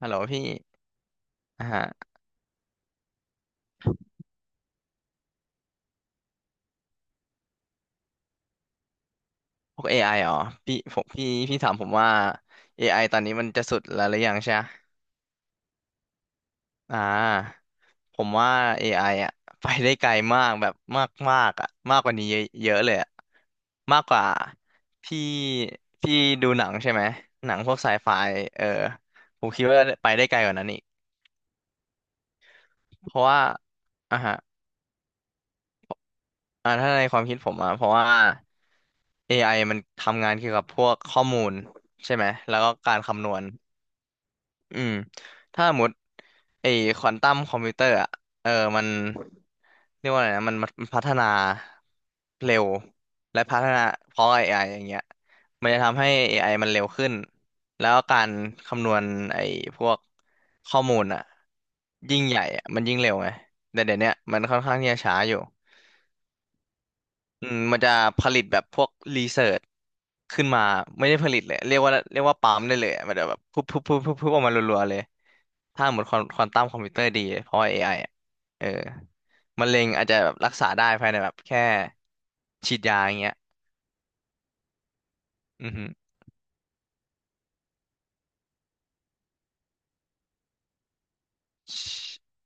ฮัลโหลพี่อ่าฮะพวก a ไออ๋อพี่ผมพี่ถามผมว่าเอไอตอนนี้มันจะสุดแล้วหรือยังใช่ไหมอ่าผมว่าเอไออ่ะ ไปได้ไกลมากแบบมากมากอ่ะมากกว่านี้เยอะเยอะเลยอ่ะมากกว่าที่พี่ดูหนังใช่ไหมหนังพวกไซไฟเออผมคิดว่าไปได้ไกลกว่านั้นอีกเพราะว่าอ่าฮะอ่าถ้าในความคิดผมอ่ะเพราะว่า a อไอมันทำงานเกี่ยวกับพวกข้อมูลใช่ไหมแล้วก็การคำนวณ อืมถ้าสมมติไอ้ควอนตัมคอมพิวเตอร์อะเออมันเรียกว่าอะไรนะมันพัฒนาเร็วและพัฒนาเพราะ AI อไออย่างเงี้ยมันจะทำให้ AI มันเร็วขึ้นแล้วการคำนวณไอ้พวกข้อมูลอะยิ่งใหญ่อะมันยิ่งเร็วไงแต่เดี๋ยวเนี้ยมันค่อนข้างที่จะช้าอยู่ อืมมันจะผลิตแบบพวกรีเสิร์ชขึ้นมาไม่ได้ผลิตเลยเรียกว่าปั๊มได้เลยอะมันจะแบบพุบออกมารัวๆเลยถ้าเหมือนควอนตัมคอมพิวเตอร์ดีเพราะว่า AI อะเออมะเร็งอาจจะแบบรักษาได้ภายในแบบแค่ฉีดยาอย่างเงี้ยอือฮึ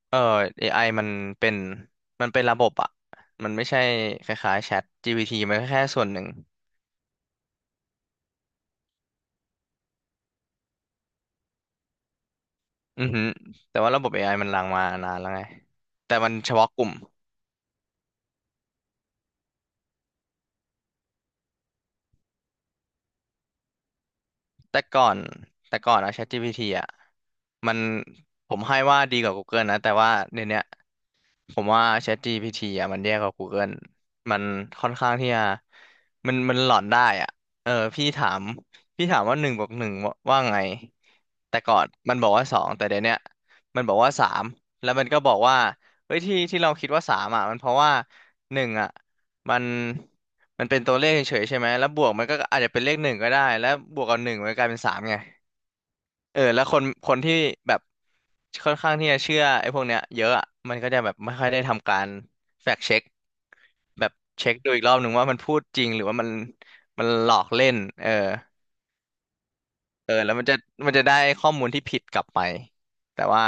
เออ AI เป็นมันเป็นระบบอะมันไม่ใช่คล้ายๆแชท GPT มันก็แค่ส่วนหนึ่งอือฮึแต่ว่าระบบ AI มันลังมานานแล้วไงแต่มันเฉพาะกลุ่ม แต่ก่อนแต่ก่อนอะ ChatGPT อะมันผมให้ว่าดีกว่า Google นะแต่ว่าเดี๋ยวเนี้ย ผมว่า ChatGPT อ่ะมันแย่กว่า Google มันค่อนข้างที่จะมันหลอนได้อ่ะเออพี่ถามพี่ถามว่าหนึ่งบวกหนึ่งว่าไงแต่ก่อนมันบอกว่าสองแต่เดี๋ยวเนี้ยมันบอกว่าสามแล้วมันก็บอกว่าเฮ้ยที่เราคิดว่าสามอ่ะมันเพราะว่าหนึ่งอ่ะมันมันเป็นตัวเลขเฉยๆใช่ไหมแล้วบวกมันก็อาจจะเป็นเลขหนึ่งก็ได้แล้วบวกกับหนึ่งมันกลายเป็นสามไง เออแล้วคนที่แบบค่อนข้างที่จะเชื่อไอ้พวกเนี้ยเยอะอะมันก็จะแบบไม่ค่อยได้ทำการแฟกเช็คแบบเช็คดูอีกรอบหนึ่งว่ามันพูดจริงหรือว่ามันหลอกเล่นเออแล้วมันจะได้ข้อมูลที่ผิดกลับไปแต่ว่า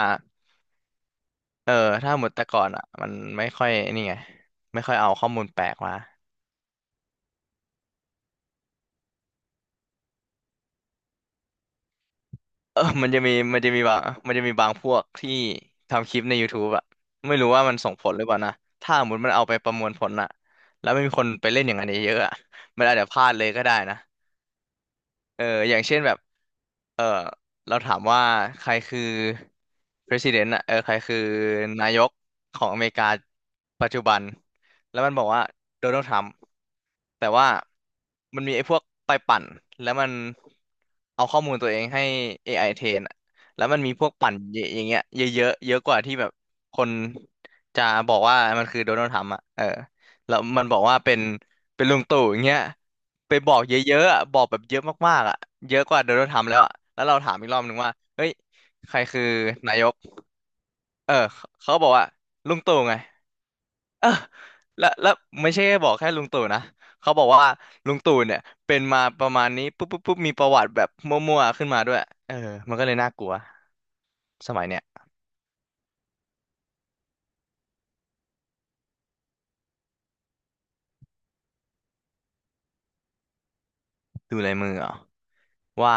เออถ้าหมดแต่ก่อนอ่ะมันไม่ค่อยนี่ไงไม่ค่อยเอาข้อมูลแปลกมา เออมันจะมีมันจะมีบางมันจะมีบางพวกที่ทำคลิปใน YouTube อะไม่รู้ว่ามันส่งผลหรือเปล่านะ ถ้าสมมติมันเอาไปประมวลผลอะแล้วไม่มีคนไปเล่นอย่างนั้นเยอะๆอะมันอาจจะพลาดเลยก็ได้นะ เอออย่างเช่นแบบเออเราถามว่าใครคือ president อะเออใครคือนายกของอเมริกาปัจจุบัน แล้วมันบอกว่าโดนัลด์ทรัมป์แต่ว่ามันมีไอ้พวกไปปั่น แล้วมันเอาข้อมูลตัวเองให้ AI เทรนอะแล้วมันมีพวกปั่นเยอย่างเงี้ยเยอะๆเยอะกว่าที่แบบคนจะบอกว่ามันคือโดนัลด์ทรัมป์อะแล้วมันบอกว่าเป็นลุงตู่อย่างเงี้ย ไปบอกเยอะๆอะบอกแบบเยอะมากๆอ่ะเยอะกว่าโดนัลด์ทรัมป์แล้วอ่ะแล้วเราถามอีกรอบหนึ่งว่าเฮ้ยใครคือนายกเออเขาบอกว่าลุงตู่ไงเออแล้วแล้วไม่ใช่แค่บอกแค่ลุงตู่นะเขาบอกว่าลุงตู่เนี่ยเป็นมาประมาณนี้ปุ๊บปุ๊บปุ๊บมีประวัติแบบมั่วๆขึ้นมาด้วย เออมันก็เลยน่ากลัวสมัยเนี้ยดูลายมือเหรอว่า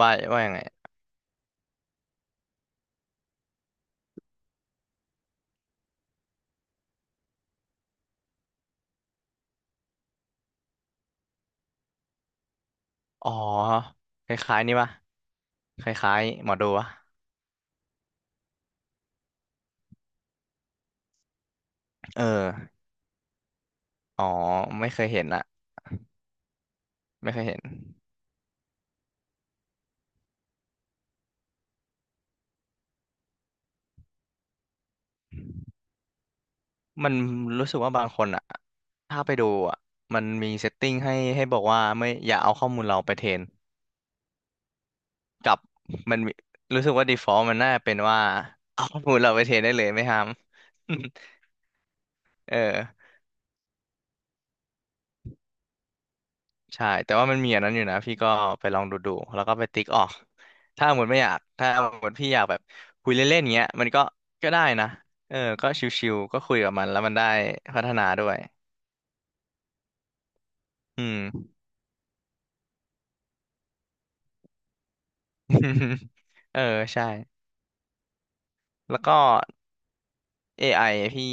ว่ายังไงอ๋อคล้ายๆนี่ปะคล้ายๆหมอดูวะเอออ๋อไม่เคยเห็นอะ ไม่เคยเห็น มันรู้สึกว่าบางคนอ่ะถ้าไปดูอ่ะมันมีเซตติ้งให้บอกว่าไม่อย่าเอาข้อมูลเราไปเทรนกับมันมีรู้สึกว่า default มันน่าเป็นว่า เอาข้อมูลเราไปเทรนได้เลยไม่ห้าม เออใช่แต่ว่ามันมีอันนั้นอยู่นะพี่ก็ไปลองดูแล้วก็ไปติ๊กออกถ้าหมดไม่อยากถ้าหมดพี่อยากแบบคุยเล่นๆเงี้ยมันก็ก็ได้นะก็ชิวๆก็คุยกับมันแล้วมันได้พัฒนาด้วยอืม เออใช่แล้วก็ AI พี่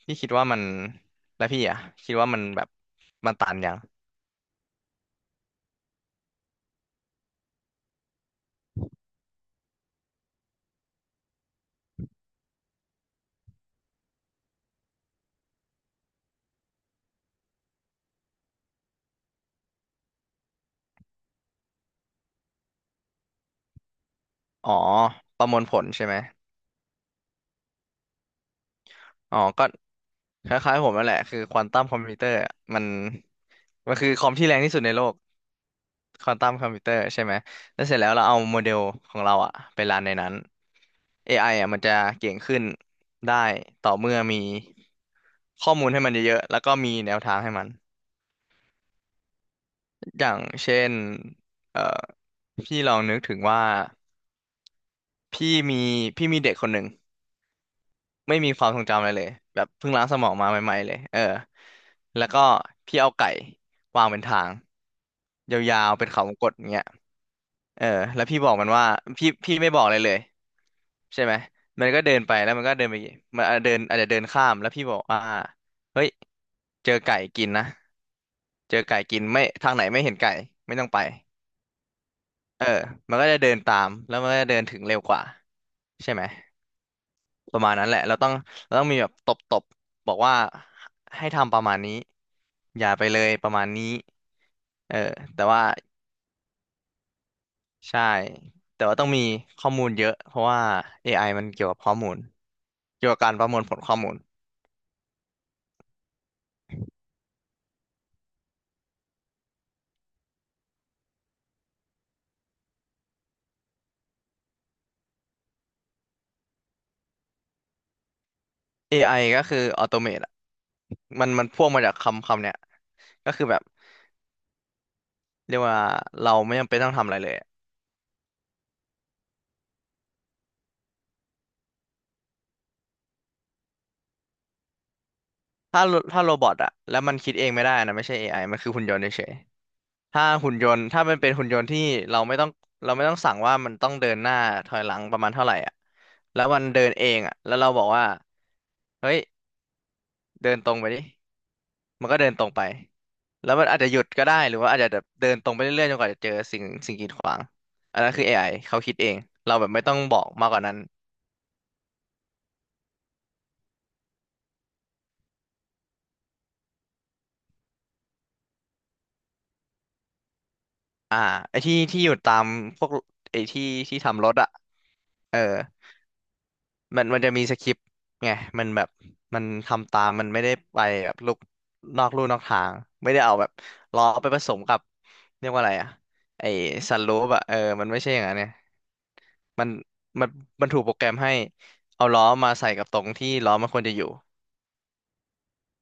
พี่คิดว่ามันแล้วพี่อ่ะคิดว่ามันแบบมันตันยังอ๋อประมวลผลใช่ไหมอ๋อก็คล้ายๆผมนั่นแหละคือควอนตัมคอมพิวเตอร์มันมันคือคอมที่แรงที่สุดในโลกควอนตัมคอมพิวเตอร์ใช่ไหมแล้วเสร็จแล้วเราเอาโมเดลของเราอ่ะไปรันในนั้น AI อไออะมันจะเก่งขึ้นได้ต่อเมื่อมีข้อมูลให้มันเยอะๆแล้วก็มีแนวทางให้มัน อย่างเช่นเอ่อพี่ลองนึกถึงว่าพี่มีพี่มีเด็กคนหนึ่งไม่มีความทรงจำอะไรเลยแบบเพิ่งล้างสมองมาใหม่ๆเลยเออแล้วก็พี่เอาไก่วางเป็นทางยาวๆเป็นเขาวงกตอย่างเงี้ยเออแล้วพี่บอกมันว่าพี่ไม่บอกอะไรเลยใช่ไหมมันก็เดินไปแล้วมันก็เดินไปมันอาจจะเดินอาจจะเดินข้ามแล้วพี่บอกว่าเฮ้ยเจอไก่กินนะเจอไก่กินไม่ทางไหนไม่เห็นไก่ไม่ต้องไป เออมันก็จะเดินตามแล้วมันก็จะเดินถึงเร็วกว่าใช่ไหมประมาณนั้นแหละเราต้องเราต้องมีแบบตบตบบอกว่าให้ทำประมาณนี้อย่าไปเลยประมาณนี้เออแต่ว่าใช่แต่ว่าต้องมีข้อมูลเยอะ เพราะว่า AI มันเกี่ยวกับข้อมูลเกี่ยวกับการประมวลผลข้อมูล AI ก็คือออโตเมตอะมันพ่วงมาจากคำคำเนี้ยก็คือแบบเรียกว่าเราไม่จำเป็นต้องทำอะไรเลย ถ้าถ้าโรบอทอะแล้วมันคิดเองไม่ได้นะไม่ใช่ AI มันคือหุ่นยนต์เฉย ถ้าหุ่นยนต์ถ้ามันเป็นหุ่นยนต์ที่เราไม่ต้องเราไม่ต้องสั่งว่ามันต้องเดินหน้าถอยหลังประมาณเท่าไหร่อ่ะแล้วมันเดินเองอ่ะแล้วเราบอกว่าเฮ้ยเดินตรงไปดิมันก็เดินตรงไปแล้วมันอาจจะหยุดก็ได้หรือว่าอาจจะแบบเดินตรงไปเรื่อยๆจนกว่าจะเจอสิ่งกีดขวางอันนั้นคือ a อไอเขาคิดเองเราแบบไม่ต้องบอกมากกว่านั้นอ่าไอ้ที่อยู่ตามพวกไอ้ที่ทำรถอ่ะเออ มันมันจะมีสคริปต์ไงมันแบบมันทำตามมันไม่ได้ไปแบบลุกนอกลู่นอกทางไม่ได้เอาแบบล้อไปผสมกับเรียกว่าอะไรอะไอสันลูปอะเออมันไม่ใช่อย่างนั้นเนี่ยมันมันมันถูกโปรแกรมให้เอาล้อมาใส่กับตรงที่ล้อมันควรจะอยู่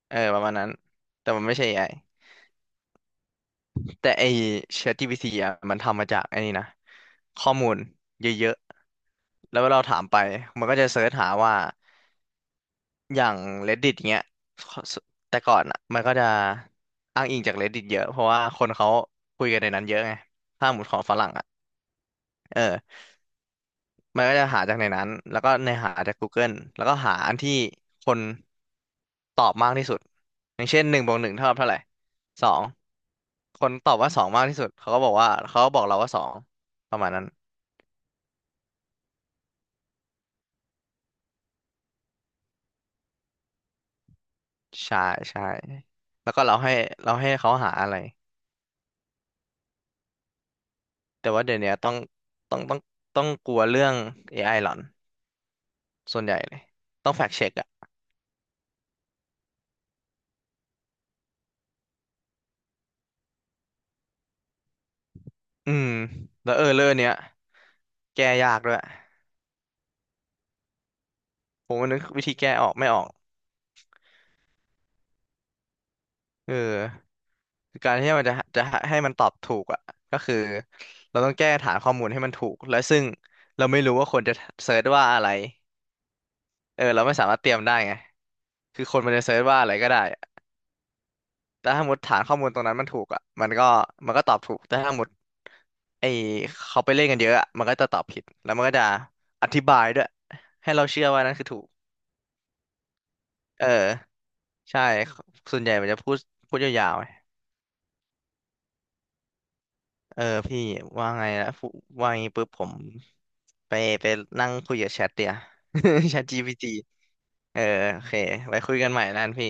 เออประมาณนั้นแต่มันไม่ใช่เอไ i แต่ไอ ChatGPT อะมันทำมาจากไอ้นี่นะข้อมูลเยอะๆแล้วเวลาเราถามไปมันก็จะเสิร์ชหาว่า อย่าง Reddit อย่างเงี้ยแต่ก่อนอ่ะมันก็จะอ้างอิงจาก Reddit เยอะเพราะว่าคนเขาคุยกันในนั้นเยอะไงถ้าหมุดของฝรั่งอ่ะเออมันก็จะหาจากในนั้นแล้วก็ในหาจาก Google แล้วก็หาอันที่คนตอบมากที่สุดอย่างเช่นหนึ่งบวกหนึ่งเท่ากับเท่าไหร่สองคนตอบว่าสองมากที่สุดเขาก็บอกว่าเขาก็บอกเราว่าสองประมาณนั้นใช่ใช่แล้วก็เราให้เราให้เขาหาอะไร แต่ว่าเดี๋ยวเนี้ยต้องต้องต้องต้องกลัวเรื่อง AI หลอนส่วนใหญ่เลยต้องแฟกเช็คอะอืมแล้วเออเรื่องเนี้ยแก้ยากด้วยผมว่านึกวิธีแก้ออกไม่ออกเออคือการที่มันจะให้มันตอบถูกอะก็คือเราต้องแก้ฐานข้อมูลให้มันถูกและซึ่งเราไม่รู้ว่าคนจะเซิร์ชว่าอะไรเออเราไม่สามารถเตรียมได้ไงคือคนมันจะเซิร์ชว่าอะไรก็ได้ แต่ถ้าหมดฐานข้อมูลตรงนั้นมันถูกอ่ะมันก็ตอบถูกแต่ถ้าหมดไอเขาไปเล่นกันเยอะอะมันก็จะตอบผิดแล้วมันก็จะอธิบายด้วยให้เราเชื่อว่านั่นคือถูกเออใช่ส่วนใหญ่มันจะพูดพูดยาวๆไงเออพี่ว่าไงนะพูว่างี้ปุ๊บผมไปไปนั่งคุยกับแชทเดียว แชท GPT เออโอเคไว้คุยกันใหม่แล้วกันพี่